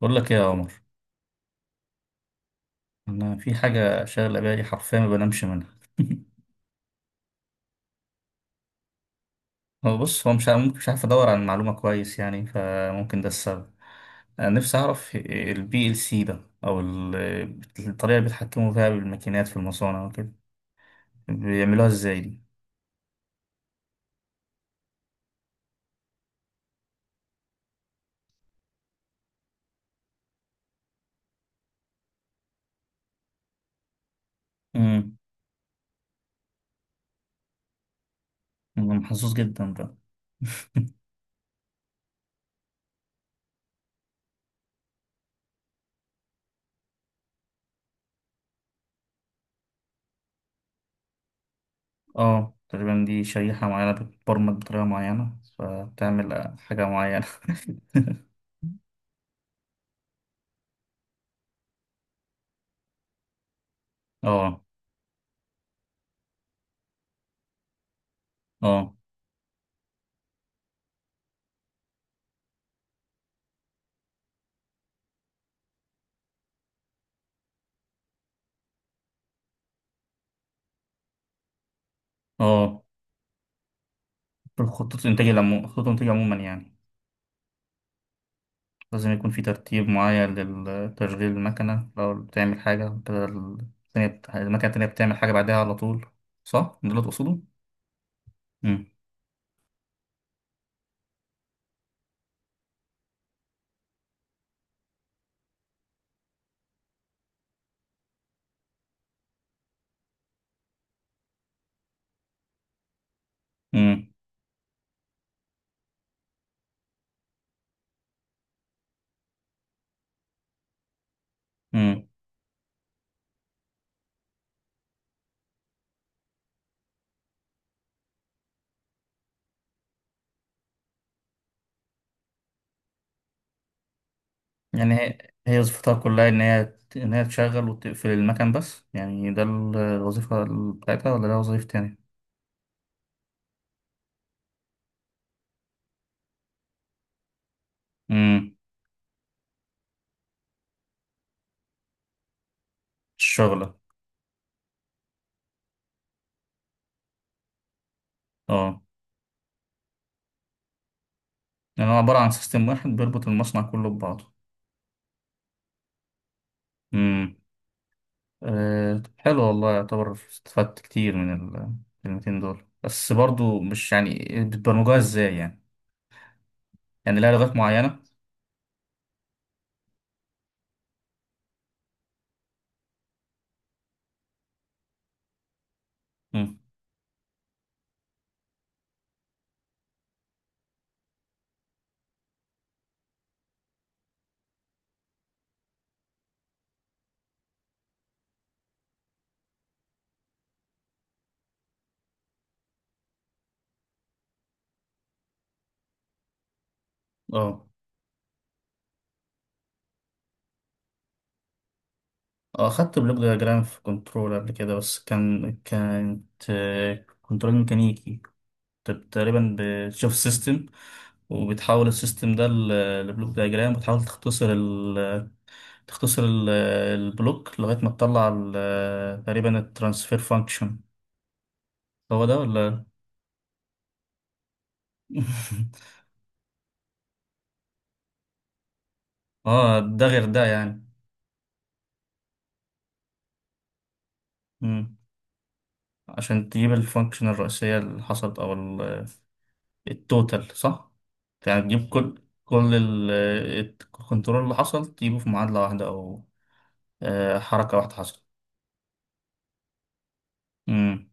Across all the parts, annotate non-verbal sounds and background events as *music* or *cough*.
بقول لك ايه يا عمر، انا في حاجه شاغله بالي، حرفيا ما بنامش منها. *laughs* هو بص، هو مش عارف- ممكن مش عارف ادور عن معلومه كويس، يعني فممكن ده السبب. انا نفسي اعرف البي ال سي ده، او الطريقه اللي بيتحكموا فيها بالماكينات في المصانع وكده، بيعملوها ازاي دي؟ امم أنا محظوظ جدا ده. *laughs* اه، تقريبا دي شريحه معينه بتبرمج بطريقه معينه فبتعمل حاجه معينه. *laughs* اه، اه، اه، خطوط الانتاج عموما يعني لازم يكون في ترتيب معين لتشغيل المكنة، لو بتعمل حاجة كده التانية المكنة التانية بتعمل حاجة بعدها على طول، صح؟ ده اللي تقصده؟ مم. مم. مم. يعني هي وظيفتها كلها إن هي إن هي تشغل وتقفل المكن بس، يعني ده الوظيفة بتاعتها، ولا ده وظيفة تانية؟ مم. الشغلة. اه، يعني هو عبارة عن سيستم واحد بيربط المصنع كله ببعضه. أه، طب حلو والله، يعتبر استفدت كتير من الكلمتين دول، بس برضو، مش يعني بتبرمجوها ازاي يعني لها لغات معينة. مم. اه، خدت بلغة جرام في كنترول قبل كده، بس كانت كنترول ميكانيكي. كنت تقريبا بتشوف السيستم، وبتحول السيستم ده لبلوك دياجرام، وتحاول تختصر البلوك لغاية ما تطلع تقريبا الترانسفير فانكشن. هو ده ولا؟ *laughs* اه، ده غير ده يعني؟ مم. عشان تجيب الفانكشن الرئيسية اللي حصلت او التوتال، صح؟ يعني تجيب كل الكنترول اللي حصل، تجيبه في معادلة واحدة، او حركة واحدة حصلت. مم.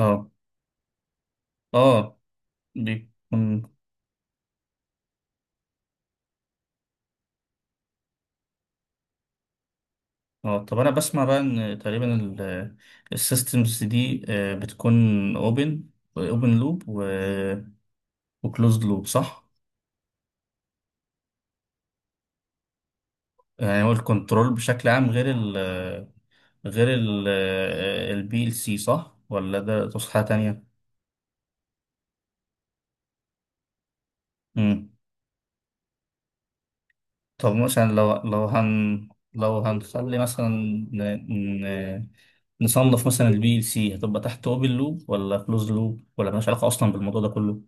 اه، اه، بيكون. اه، طب انا بسمع بقى ان تقريبا السيستمز دي بتكون اوبن اوبن لوب وكلوزد لوب، صح؟ يعني هو الكنترول بشكل عام غير البي ال سي، صح؟ ولا ده تصحيحة تانية؟ مم. طب مثلا لو هنخلي مثلا ن- نصنف مثلا البي ال سي، هتبقى تحت اوبن لوب ولا كلوز لوب، ولا مالهاش علاقة أصلا بالموضوع ده كله؟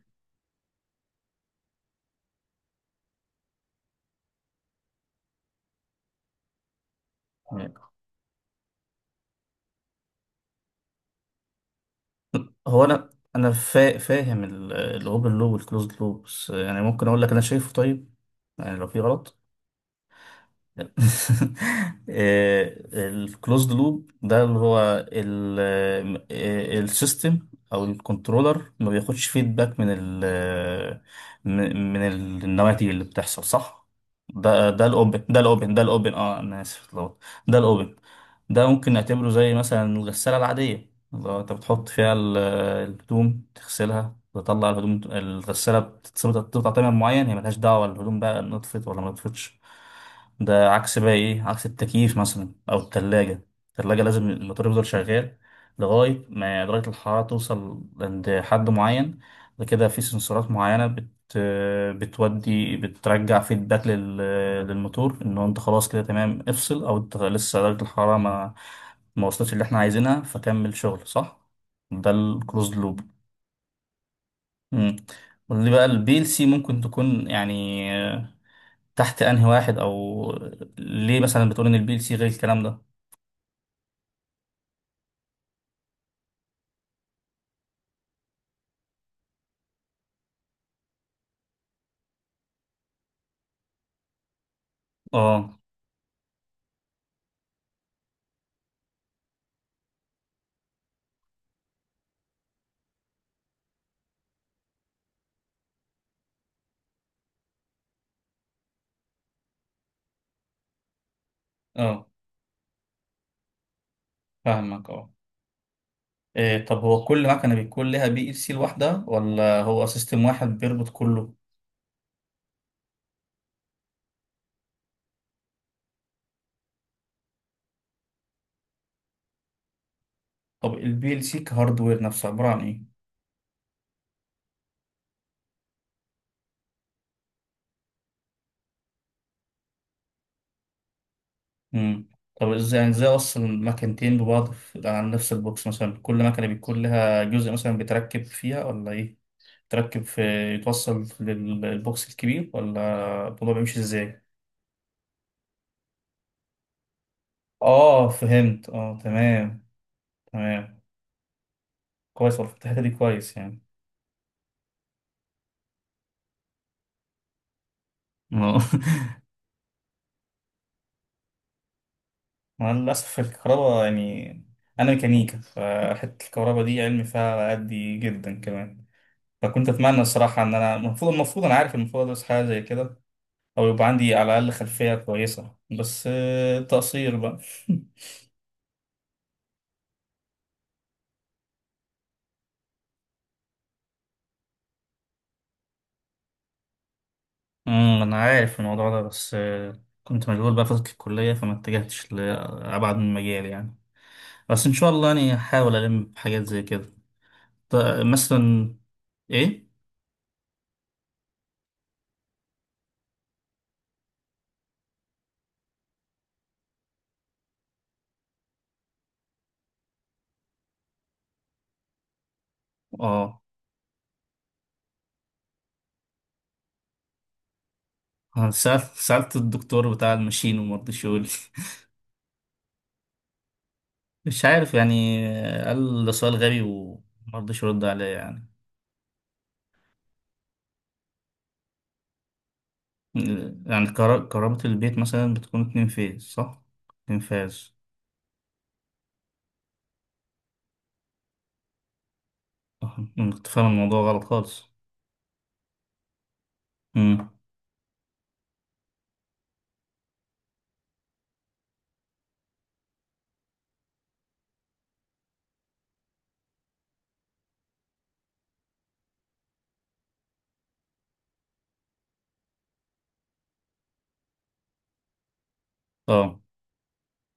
يعني هو أنا أنا فاهم الأوبن لوب والكلوز لوب، بس يعني ممكن أقول لك أنا شايفه، طيب؟ يعني لو في غلط. *laughs* الكلوزد لوب ده اللي هو السيستم او الكنترولر، ما بياخدش فيدباك من ال من من النواتج اللي بتحصل، صح؟ ده الاوبن، ده الاوبن، ده الاوبن، انا اسف اتلخبطت. ده الاوبن، ده ممكن نعتبره زي مثلا الغسالة العادية، لو انت بتحط فيها الهدوم تغسلها، تطلع الهدوم، الغسالة بتقطع تمام معين، هي ملهاش دعوة الهدوم بقى نطفت ولا ما نطفتش. ده عكس بقى ايه؟ عكس التكييف مثلا او التلاجة. التلاجة لازم الموتور يفضل شغال لغاية ما درجة الحرارة توصل عند حد معين، ده كده في سنسورات معينة بتودي بترجع فيدباك للموتور، ان هو انت خلاص كده تمام افصل، او انت لسه درجة الحرارة ما وصلتش اللي احنا عايزينها، فكمل شغل، صح؟ ده الكلوز لوب. امم قول لي بقى، البي ال سي ممكن تكون، يعني، تحت انهي واحد؟ او ليه مثلا بتقول ان البي ال سي غير الكلام ده؟ اه، اه، فاهمك، اه. إيه، طب هو كل مكنه بيكون لها بي ال سي لوحدها، ولا هو سيستم واحد بيربط كله؟ طب البي ال سي كهاردوير نفسه عباره عن ايه؟ امم طب ازاي، يعني ازاي اصلا مكنتين ببعض على نفس البوكس مثلا، كل مكنه بيكون لها جزء مثلا بيتركب فيها ولا ايه؟ تركب في يتوصل للبوكس الكبير، ولا الموضوع بيمشي ازاي؟ اه، فهمت، اه، تمام، تمام. كويس والله، في الحتة دي كويس يعني. ما- *laughs* أنا للأسف، الكهرباء يعني، أنا ميكانيكا، فحتة الكهرباء دي علمي فيها على قدي جدا كمان. فكنت أتمنى الصراحة إن أنا المفروض، أنا عارف المفروض أدرس حاجة زي كده، أو يبقى عندي على الأقل خلفية كويسة، بس تقصير بقى. *laughs* أنا عارف الموضوع ده، بس كنت مشغول بقى فترة الكلية، فما اتجهتش لأبعد من المجال يعني. بس إن شاء الله يعني هحاول ألم بحاجات زي كده. ط- مثلا. إيه؟ اه، سألت الدكتور بتاع الماشين، وما رضيش يقول لي. *laughs* مش عارف يعني، قال ده سؤال غبي وما رضيش يرد عليا يعني. يعني كهرباء البيت مثلا بتكون 2 فيز، صح؟ 2 فيز. صح. أنا كنت فاهم الموضوع غلط خالص. امم اه،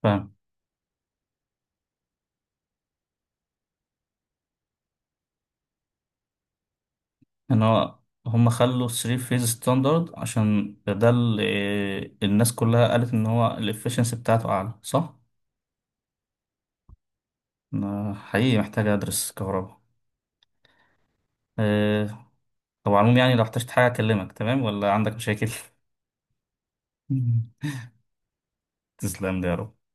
فاهم ان هم خلوا 3 فيز ستاندرد، عشان ده اللي الناس كلها قالت ان هو الافشنسي بتاعته اعلى، صح؟ أنا حقيقي محتاج ادرس كهرباء. آه، طبعا، العموم يعني لو احتجت حاجة أكلمك، تمام؟ ولا عندك مشاكل؟ *laughs* تسلم لي يا رب.